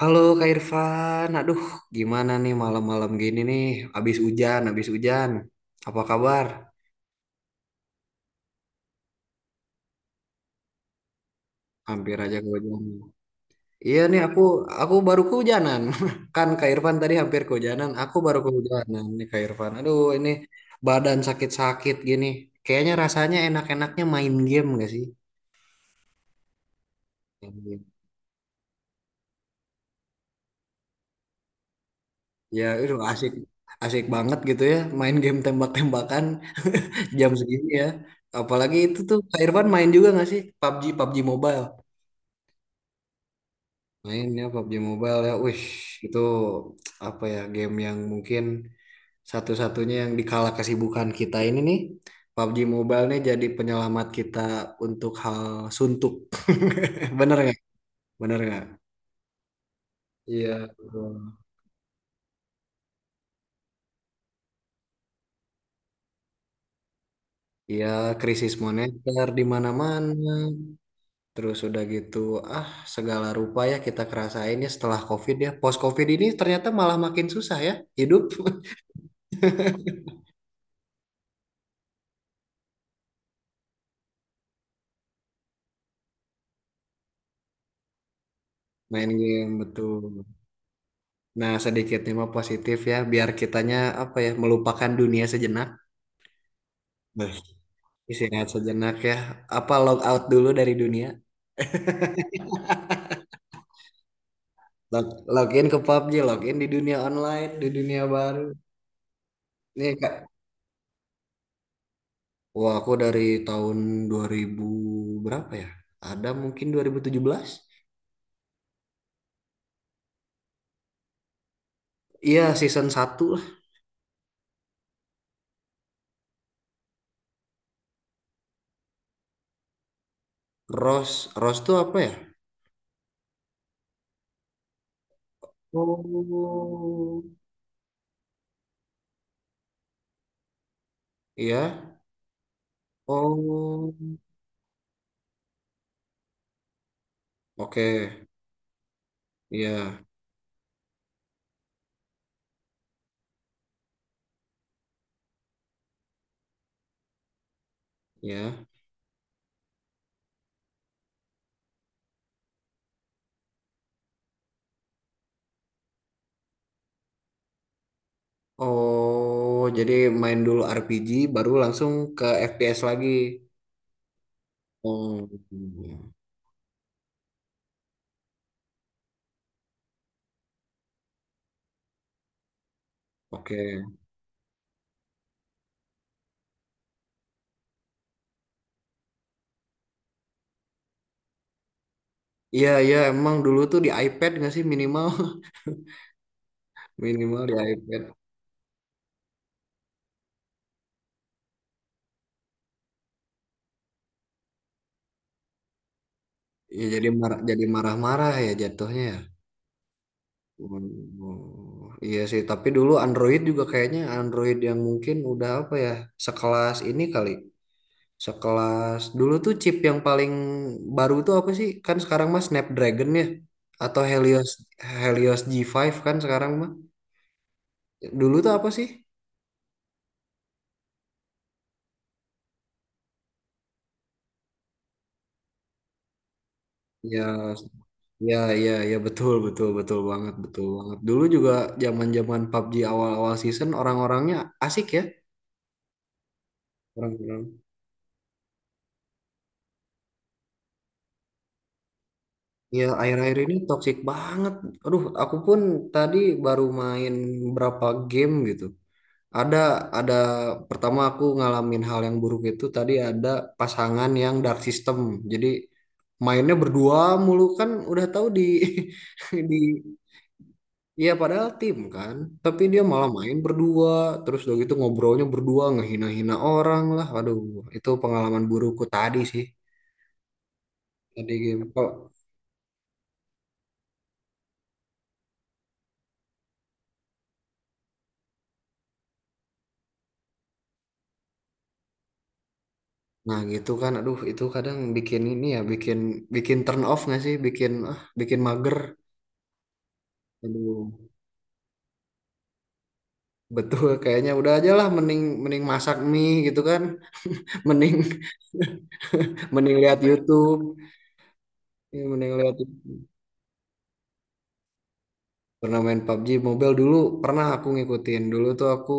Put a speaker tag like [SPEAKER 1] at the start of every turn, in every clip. [SPEAKER 1] Halo Kak Irfan, aduh gimana nih malam-malam gini nih, habis hujan, habis hujan. Apa kabar? Hampir aja kehujanan. Iya nih aku baru kehujanan. Kan Kak Irfan tadi hampir kehujanan, aku baru kehujanan nih Kak Irfan. Aduh ini badan sakit-sakit gini. Kayaknya rasanya enak-enaknya main game gak sih? Main game. Ya itu asik asik banget gitu ya main game tembak-tembakan jam segini ya. Apalagi itu tuh Kak Irfan main juga gak sih PUBG PUBG Mobile? Mainnya PUBG Mobile ya, wish itu apa ya game yang mungkin satu-satunya yang dikala kesibukan kita ini nih PUBG Mobile nih jadi penyelamat kita untuk hal suntuk. Bener nggak? Bener nggak? Iya, betul. Iya, krisis moneter di mana-mana. Terus udah gitu, ah segala rupa ya kita kerasain ya setelah COVID ya. Post COVID ini ternyata malah makin susah ya hidup. Main game betul. Nah, sedikitnya mah positif ya, biar kitanya apa ya, melupakan dunia sejenak. Beh, istirahat sejenak ya. Apa log out dulu dari dunia? Log, login ke PUBG, login di dunia online, di dunia baru. Nih Kak, wah aku dari tahun 2000 berapa ya? Ada mungkin 2017. Iya, season satu lah. Rose, Rose tuh apa ya? Oh. Iya. Oh. Oke, iya, iya. Oh, jadi main dulu RPG, baru langsung ke FPS lagi. Oh, oke. Iya, iya, emang dulu tuh di iPad nggak sih minimal, minimal di iPad. Ya jadi marah, jadi marah-marah ya jatuhnya, ya. Oh, iya sih, tapi dulu Android juga kayaknya Android yang mungkin udah apa ya, sekelas ini kali. Sekelas dulu tuh chip yang paling baru tuh apa sih? Kan sekarang mah Snapdragon ya atau Helios Helios G5 kan sekarang mah. Dulu tuh apa sih? Ya ya ya ya betul betul betul banget betul banget. Dulu juga zaman-zaman PUBG awal-awal season orang-orangnya asik ya. Orang-orang. Ya akhir-akhir ini toxic banget. Aduh, aku pun tadi baru main berapa game gitu. Ada, ada pertama aku ngalamin hal yang buruk itu tadi ada pasangan yang dark system. Jadi mainnya berdua mulu kan udah tahu di di, ya padahal tim kan, tapi dia malah main berdua, terus udah gitu ngobrolnya berdua ngehina-hina orang lah. Aduh, itu pengalaman burukku tadi sih. Tadi game kok. Nah, gitu kan. Aduh, itu kadang bikin ini ya, bikin bikin turn off nggak sih? Bikin ah, bikin mager. Aduh. Betul, kayaknya udah aja lah mending mending masak mie gitu kan. Mending mending lihat YouTube. Ya, mending lihat YouTube. Pernah main PUBG Mobile dulu, pernah aku ngikutin. Dulu tuh aku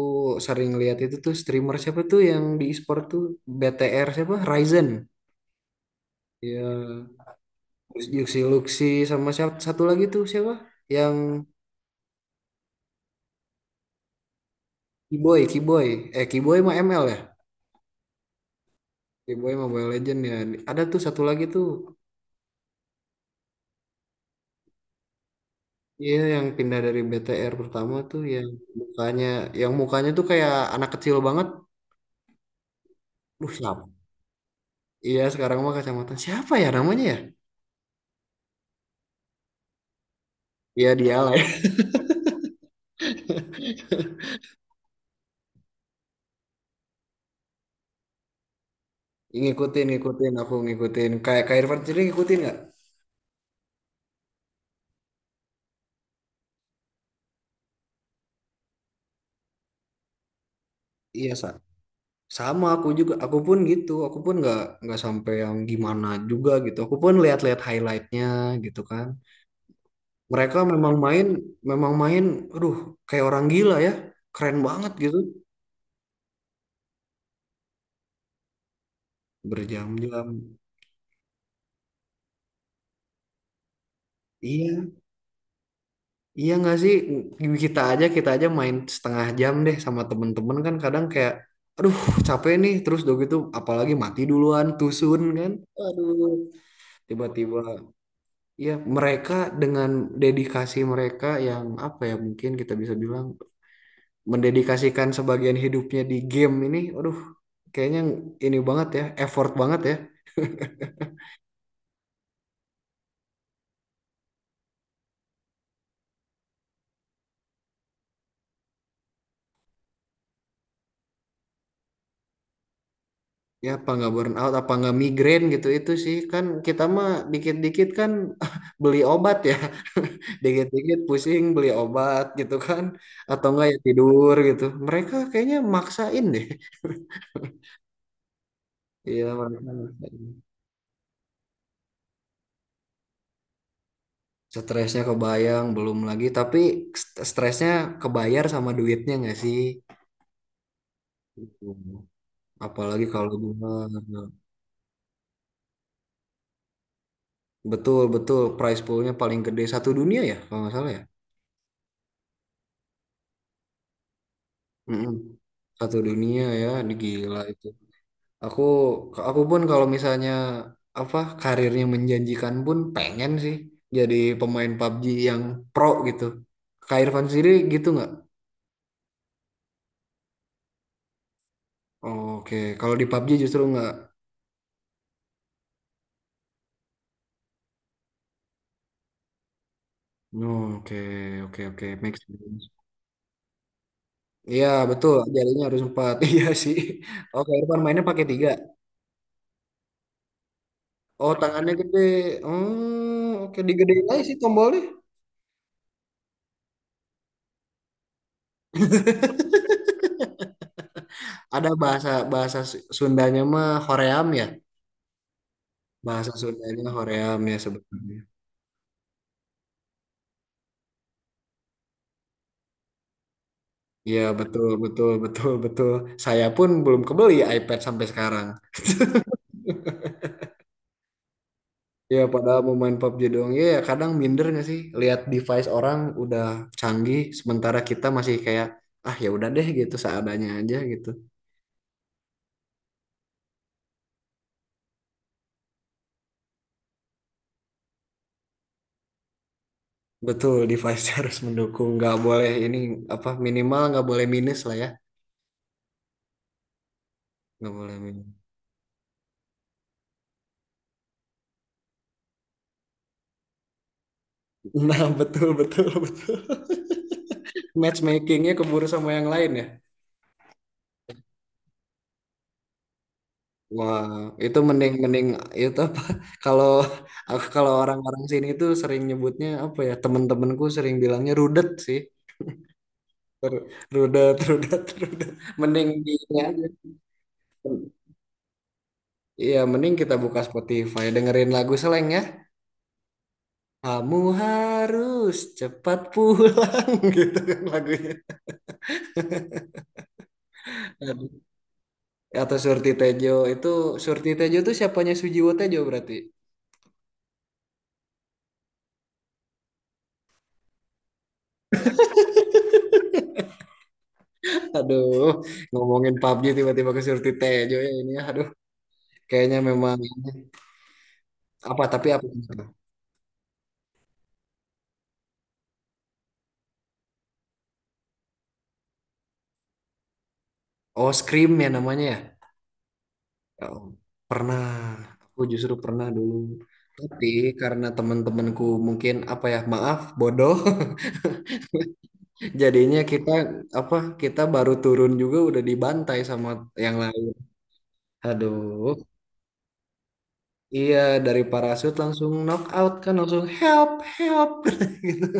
[SPEAKER 1] sering lihat itu tuh streamer siapa tuh yang di e-sport tuh BTR siapa? Ryzen. Ya, terus Yuxi Luxi sama siapa satu lagi tuh siapa? Yang Kiboy, Kiboy. Eh, Kiboy mah ML ya? Kiboy Mobile Legend ya. Ada tuh satu lagi tuh. Iya, yang pindah dari BTR pertama tuh mukanya, yang mukanya tuh kayak anak kecil banget. Duh, siapa? Iya, sekarang mah kacamata siapa ya namanya ya? Iya dia lah, ya. Ngikutin, ngikutin, aku ngikutin. Kayak Kak Irfan sendiri ngikutin nggak? Iya. Sama aku juga. Aku pun gitu. Aku pun nggak sampai yang gimana juga gitu. Aku pun lihat-lihat highlightnya gitu kan. Mereka memang main, memang main. Aduh, kayak orang gila ya. Keren banget gitu. Berjam-jam. Iya. Iya nggak sih kita aja main setengah jam deh sama temen-temen kan kadang kayak aduh capek nih terus udah gitu apalagi mati duluan tusun kan aduh tiba-tiba ya mereka dengan dedikasi mereka yang apa ya mungkin kita bisa bilang mendedikasikan sebagian hidupnya di game ini aduh kayaknya ini banget ya effort banget ya. Ya apa nggak burn out, apa nggak migrain gitu itu sih kan kita mah dikit-dikit kan beli obat ya, dikit-dikit pusing beli obat gitu kan, atau enggak ya tidur gitu. Mereka kayaknya maksain deh. Iya mereka maksain. Stresnya kebayang belum lagi, tapi stresnya kebayar sama duitnya nggak sih? Hmm. Apalagi kalau bunga betul betul prize poolnya paling gede satu dunia ya kalau nggak salah ya. Mm-mm. Satu dunia ya, gila itu. Aku aku pun kalau misalnya apa karirnya menjanjikan pun pengen sih jadi pemain PUBG yang pro gitu. Kak Irfan sendiri gitu nggak? Oke. Kalau di PUBG justru nggak. Oke, oke, oke, make sense. Iya betul, jarinya harus empat. Iya sih. Oke, Irfan mainnya pakai tiga. Oh, tangannya gede. Hmm, oke, digedein aja sih tombolnya. Ada bahasa bahasa Sundanya mah hoream ya. Bahasa Sundanya hoream ya sebenarnya. Iya betul betul betul betul. Saya pun belum kebeli iPad sampai sekarang. Ya padahal mau main PUBG doang. Ya ya, kadang minder nggak sih lihat device orang udah canggih sementara kita masih kayak ah ya udah deh gitu seadanya aja gitu. Betul device harus mendukung. Nggak boleh ini apa minimal nggak boleh minus lah ya. Nggak boleh minus. Nah betul betul betul. Matchmakingnya keburu sama yang lain ya. Wah, itu mending mending itu apa? Kalau aku kalau orang-orang sini tuh sering nyebutnya apa ya? Temen-temenku sering bilangnya rudet sih. Ru- Rudet, rudet, rudet. Mending di ini aja. Iya, mending kita buka Spotify, dengerin lagu Slank ya. Kamu harus cepat pulang gitu kan lagunya. Aduh. Atau Surti Tejo itu siapanya Sujiwo Tejo berarti. Aduh, ngomongin PUBG tiba-tiba ke Surti Tejo ya ini, ya. Aduh. Kayaknya memang apa tapi apa? Oh, Scream ya namanya ya. Oh, pernah. Aku justru pernah dulu. Tapi karena teman-temanku mungkin apa ya, maaf, bodoh. Jadinya kita apa? Kita baru turun juga udah dibantai sama yang lain. Aduh. Iya, dari parasut langsung knock out kan langsung help, help gitu.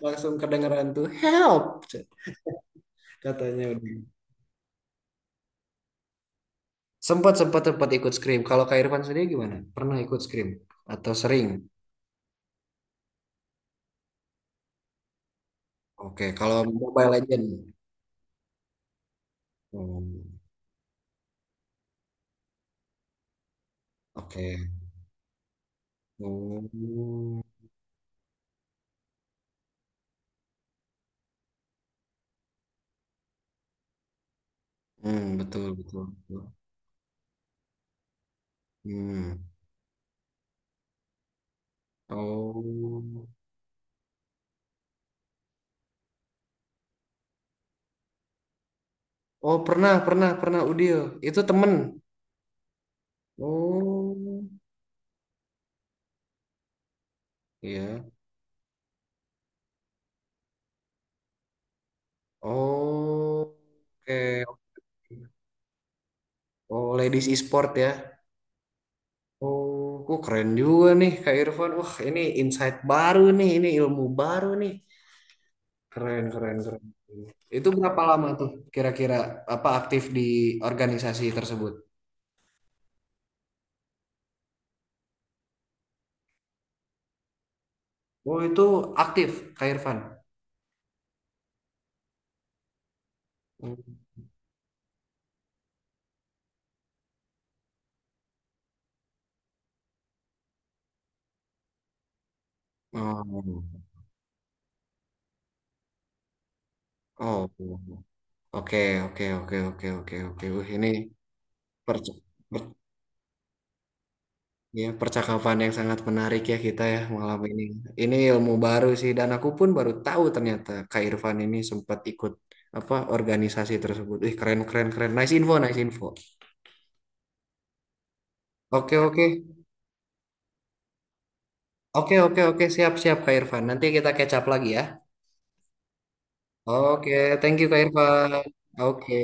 [SPEAKER 1] Langsung kedengeran tuh help katanya udah. Sempat sempat sempat ikut scrim. Kalau Kak Irfan sendiri gimana? Pernah ikut scrim atau sering? Oke, kalau Mobile Legend. Hmm, oke. Hmm. Hmm, betul betul, betul. Hmm. Oh. Oh, pernah pernah pernah Udil. Itu temen. Oh. Iya. Oh. Oke, oke. Oh, ladies e-sport ya. Oh, kok keren juga nih Kak Irfan. Wah, ini insight baru nih, ini ilmu baru nih. Keren, keren, keren. Itu berapa lama tuh kira-kira apa aktif di organisasi tersebut? Oh, itu aktif, Kak Irfan. Hmm. Oh, oh, oke, oke, oke, oke, oke, oke. Wih, ini perc- per- ya, percakapan yang sangat menarik ya kita ya malam ini. Ini ilmu baru sih dan aku pun baru tahu ternyata Kak Irfan ini sempat ikut apa organisasi tersebut. Ih, keren, keren, keren. Nice info, nice info. Oke, oke. Oke, oke, oke, siap, siap, Kak Irfan. Nanti kita catch up lagi ya. Oke, thank you, Kak Irfan. Oke.